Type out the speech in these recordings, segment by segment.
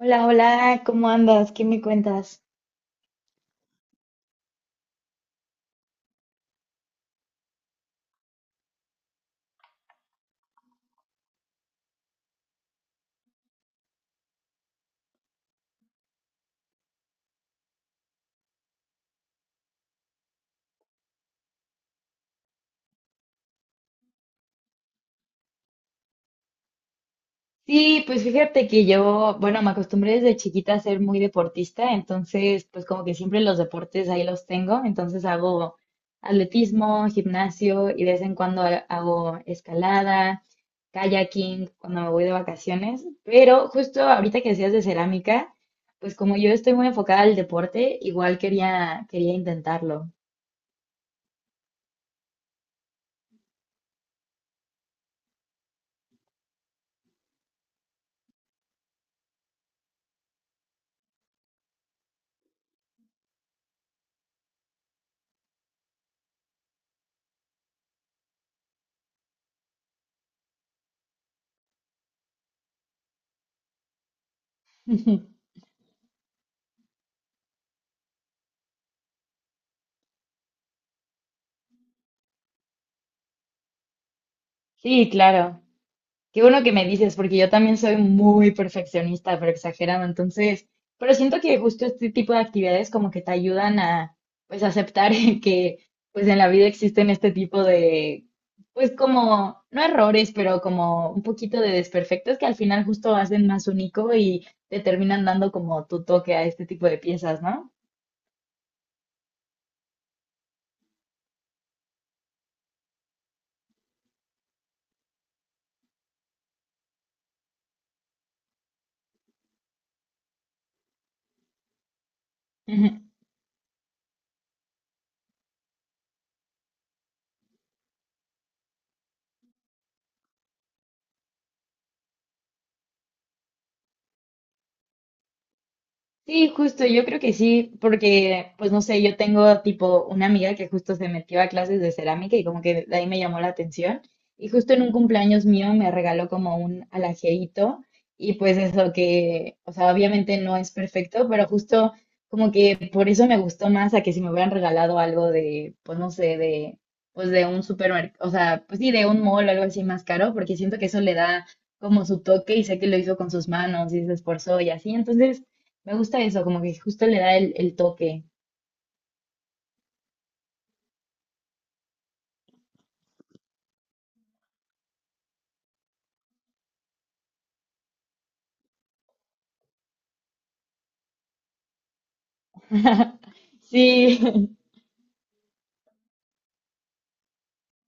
Hola, hola, ¿cómo andas? ¿Qué me cuentas? Sí, pues fíjate que yo, bueno, me acostumbré desde chiquita a ser muy deportista, entonces pues como que siempre los deportes ahí los tengo, entonces hago atletismo, gimnasio y de vez en cuando hago escalada, kayaking cuando me voy de vacaciones, pero justo ahorita que decías de cerámica, pues como yo estoy muy enfocada al deporte, igual quería intentarlo. Sí, claro. Qué bueno que me dices, porque yo también soy muy perfeccionista, pero exagerado. Entonces, pero siento que justo este tipo de actividades como que te ayudan a, pues, aceptar que, pues, en la vida existen este tipo de, pues, como, no errores, pero como un poquito de desperfectos que al final justo hacen más único y te terminan dando como tu toque a este tipo de piezas, ¿no? Sí, justo, yo creo que sí, porque, pues no sé, yo tengo tipo una amiga que justo se metió a clases de cerámica y como que de ahí me llamó la atención. Y justo en un cumpleaños mío me regaló como un alajerito y pues eso que, o sea, obviamente no es perfecto, pero justo como que por eso me gustó más a que si me hubieran regalado algo de, pues no sé, de, pues de un supermercado, o sea, pues sí, de un mall o algo así más caro, porque siento que eso le da como su toque y sé que lo hizo con sus manos y se esforzó y así, entonces... Me gusta eso, como que justo le da el toque. Sí,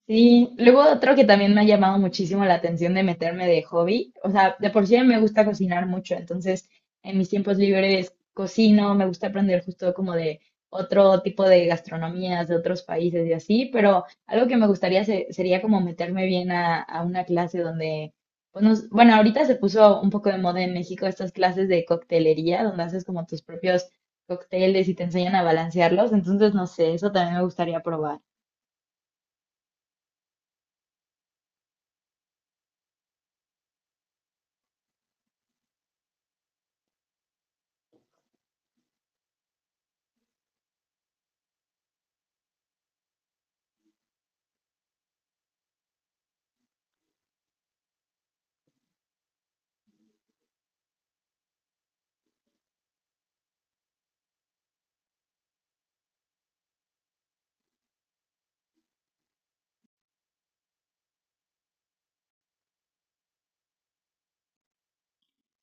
sí, luego otro que también me ha llamado muchísimo la atención de meterme de hobby, o sea, de por sí me gusta cocinar mucho, entonces en mis tiempos libres cocino, me gusta aprender justo como de otro tipo de gastronomías de otros países y así, pero algo que me gustaría sería como meterme bien a una clase donde, pues, bueno, ahorita se puso un poco de moda en México estas clases de coctelería, donde haces como tus propios cócteles y te enseñan a balancearlos, entonces no sé, eso también me gustaría probar.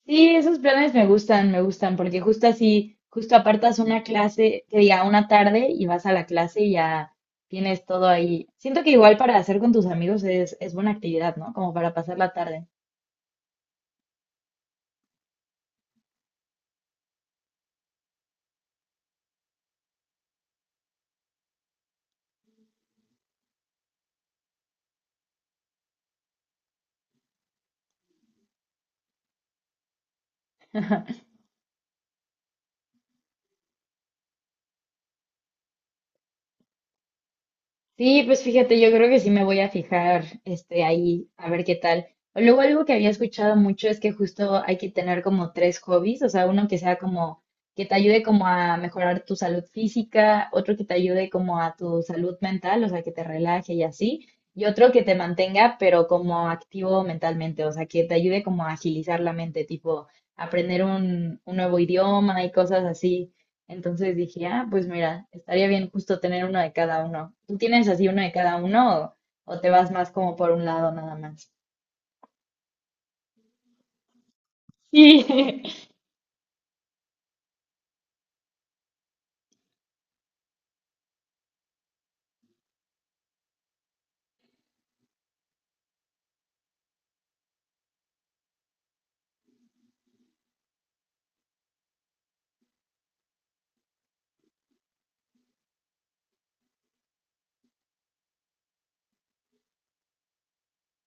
Sí, esos planes me me gustan, porque justo así, justo apartas una clase, que diga una tarde y vas a la clase y ya tienes todo ahí. Siento que igual para hacer con tus amigos es buena actividad, ¿no? Como para pasar la tarde. Sí, pues fíjate, yo creo que sí me voy a fijar, este, ahí, a ver qué tal. O luego algo que había escuchado mucho es que justo hay que tener como tres hobbies, o sea, uno que sea como, que te ayude como a mejorar tu salud física, otro que te ayude como a tu salud mental, o sea, que te relaje y así, y otro que te mantenga, pero como activo mentalmente, o sea, que te ayude como a agilizar la mente, tipo aprender un nuevo idioma y cosas así. Entonces dije, ah, pues mira, estaría bien justo tener uno de cada uno. ¿Tú tienes así uno de cada uno o te vas más como por un lado nada más?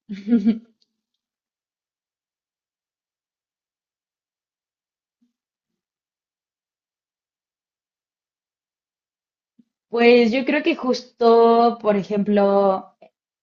Sí, pues yo creo que justo, por ejemplo,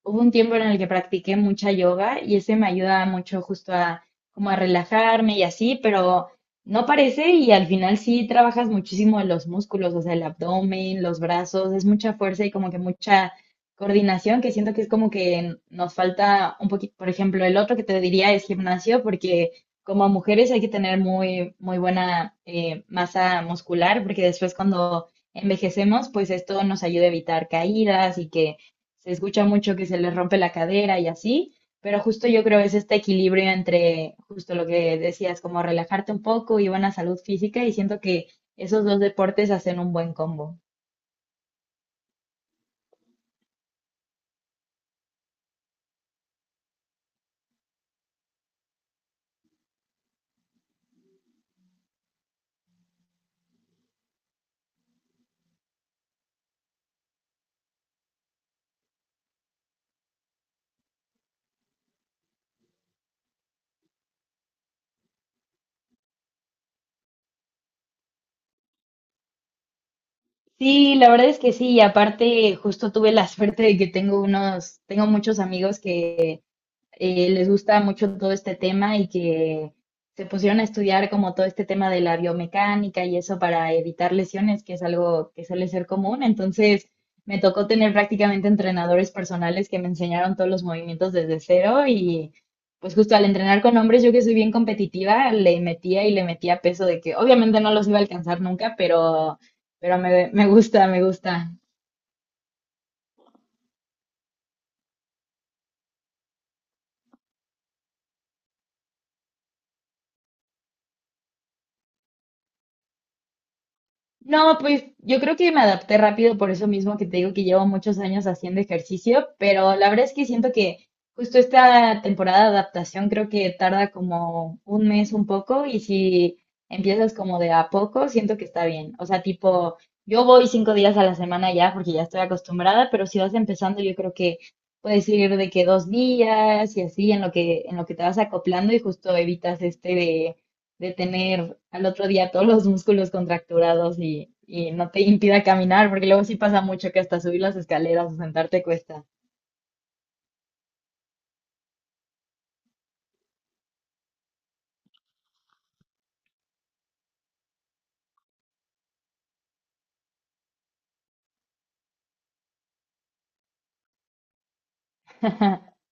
hubo un tiempo en el que practiqué mucha yoga y ese me ayuda mucho justo a como a relajarme y así, pero no parece y al final sí trabajas muchísimo los músculos, o sea, el abdomen, los brazos, es mucha fuerza y como que mucha coordinación que siento que es como que nos falta un poquito, por ejemplo, el otro que te diría es gimnasio porque como mujeres hay que tener muy buena masa muscular porque después cuando envejecemos, pues esto nos ayuda a evitar caídas y que se escucha mucho que se les rompe la cadera y así, pero justo yo creo es este equilibrio entre justo lo que decías, como relajarte un poco y buena salud física y siento que esos dos deportes hacen un buen combo. Sí, la verdad es que sí, y aparte justo tuve la suerte de que tengo unos, tengo muchos amigos que les gusta mucho todo este tema y que se pusieron a estudiar como todo este tema de la biomecánica y eso para evitar lesiones, que es algo que suele ser común. Entonces, me tocó tener prácticamente entrenadores personales que me enseñaron todos los movimientos desde cero y pues justo al entrenar con hombres, yo que soy bien competitiva, le metía y le metía peso de que obviamente no los iba a alcanzar nunca, pero me gusta, me gusta. No, pues yo creo que me adapté rápido por eso mismo que te digo que llevo muchos años haciendo ejercicio, pero la verdad es que siento que justo esta temporada de adaptación creo que tarda como un mes un poco y si empiezas como de a poco, siento que está bien. O sea, tipo, yo voy cinco días a la semana ya porque ya estoy acostumbrada, pero si vas empezando yo creo que puedes ir de que dos días y así en lo que te vas acoplando y justo evitas este de tener al otro día todos los músculos contracturados y no te impida caminar, porque luego sí pasa mucho que hasta subir las escaleras o sentarte cuesta.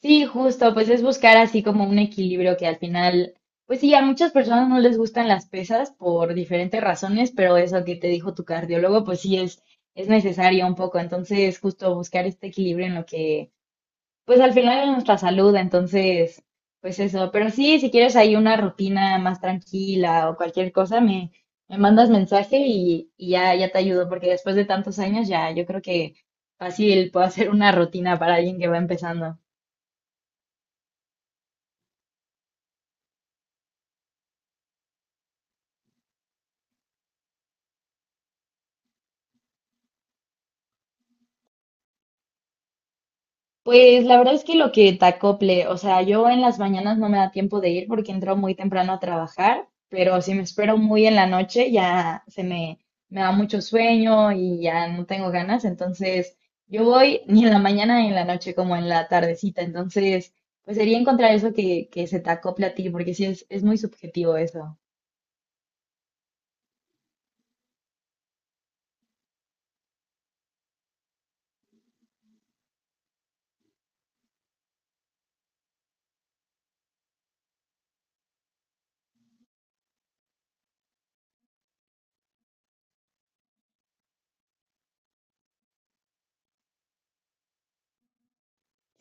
Sí, justo, pues es buscar así como un equilibrio que al final, pues sí, a muchas personas no les gustan las pesas por diferentes razones, pero eso que te dijo tu cardiólogo, pues sí es necesario un poco. Entonces, justo buscar este equilibrio en lo que pues al final es nuestra salud, entonces, pues eso. Pero sí, si quieres ahí una rutina más tranquila o cualquier cosa, me mandas mensaje y ya te ayudo, porque después de tantos años ya yo creo que fácil puedo hacer una rutina para alguien que va empezando. Pues la verdad es que lo que te acople, o sea, yo en las mañanas no me da tiempo de ir porque entro muy temprano a trabajar, pero si me espero muy en la noche ya se me da mucho sueño y ya no tengo ganas, entonces yo voy ni en la mañana ni en la noche como en la tardecita, entonces pues sería encontrar eso que se te acople a ti porque sí es muy subjetivo eso.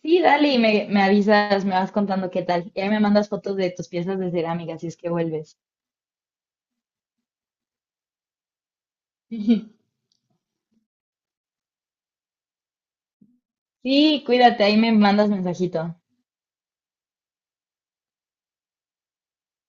Sí, dale y me avisas, me vas contando qué tal, y ahí me mandas fotos de tus piezas de cerámica si es que vuelves. Sí, cuídate, ahí me mandas mensajito.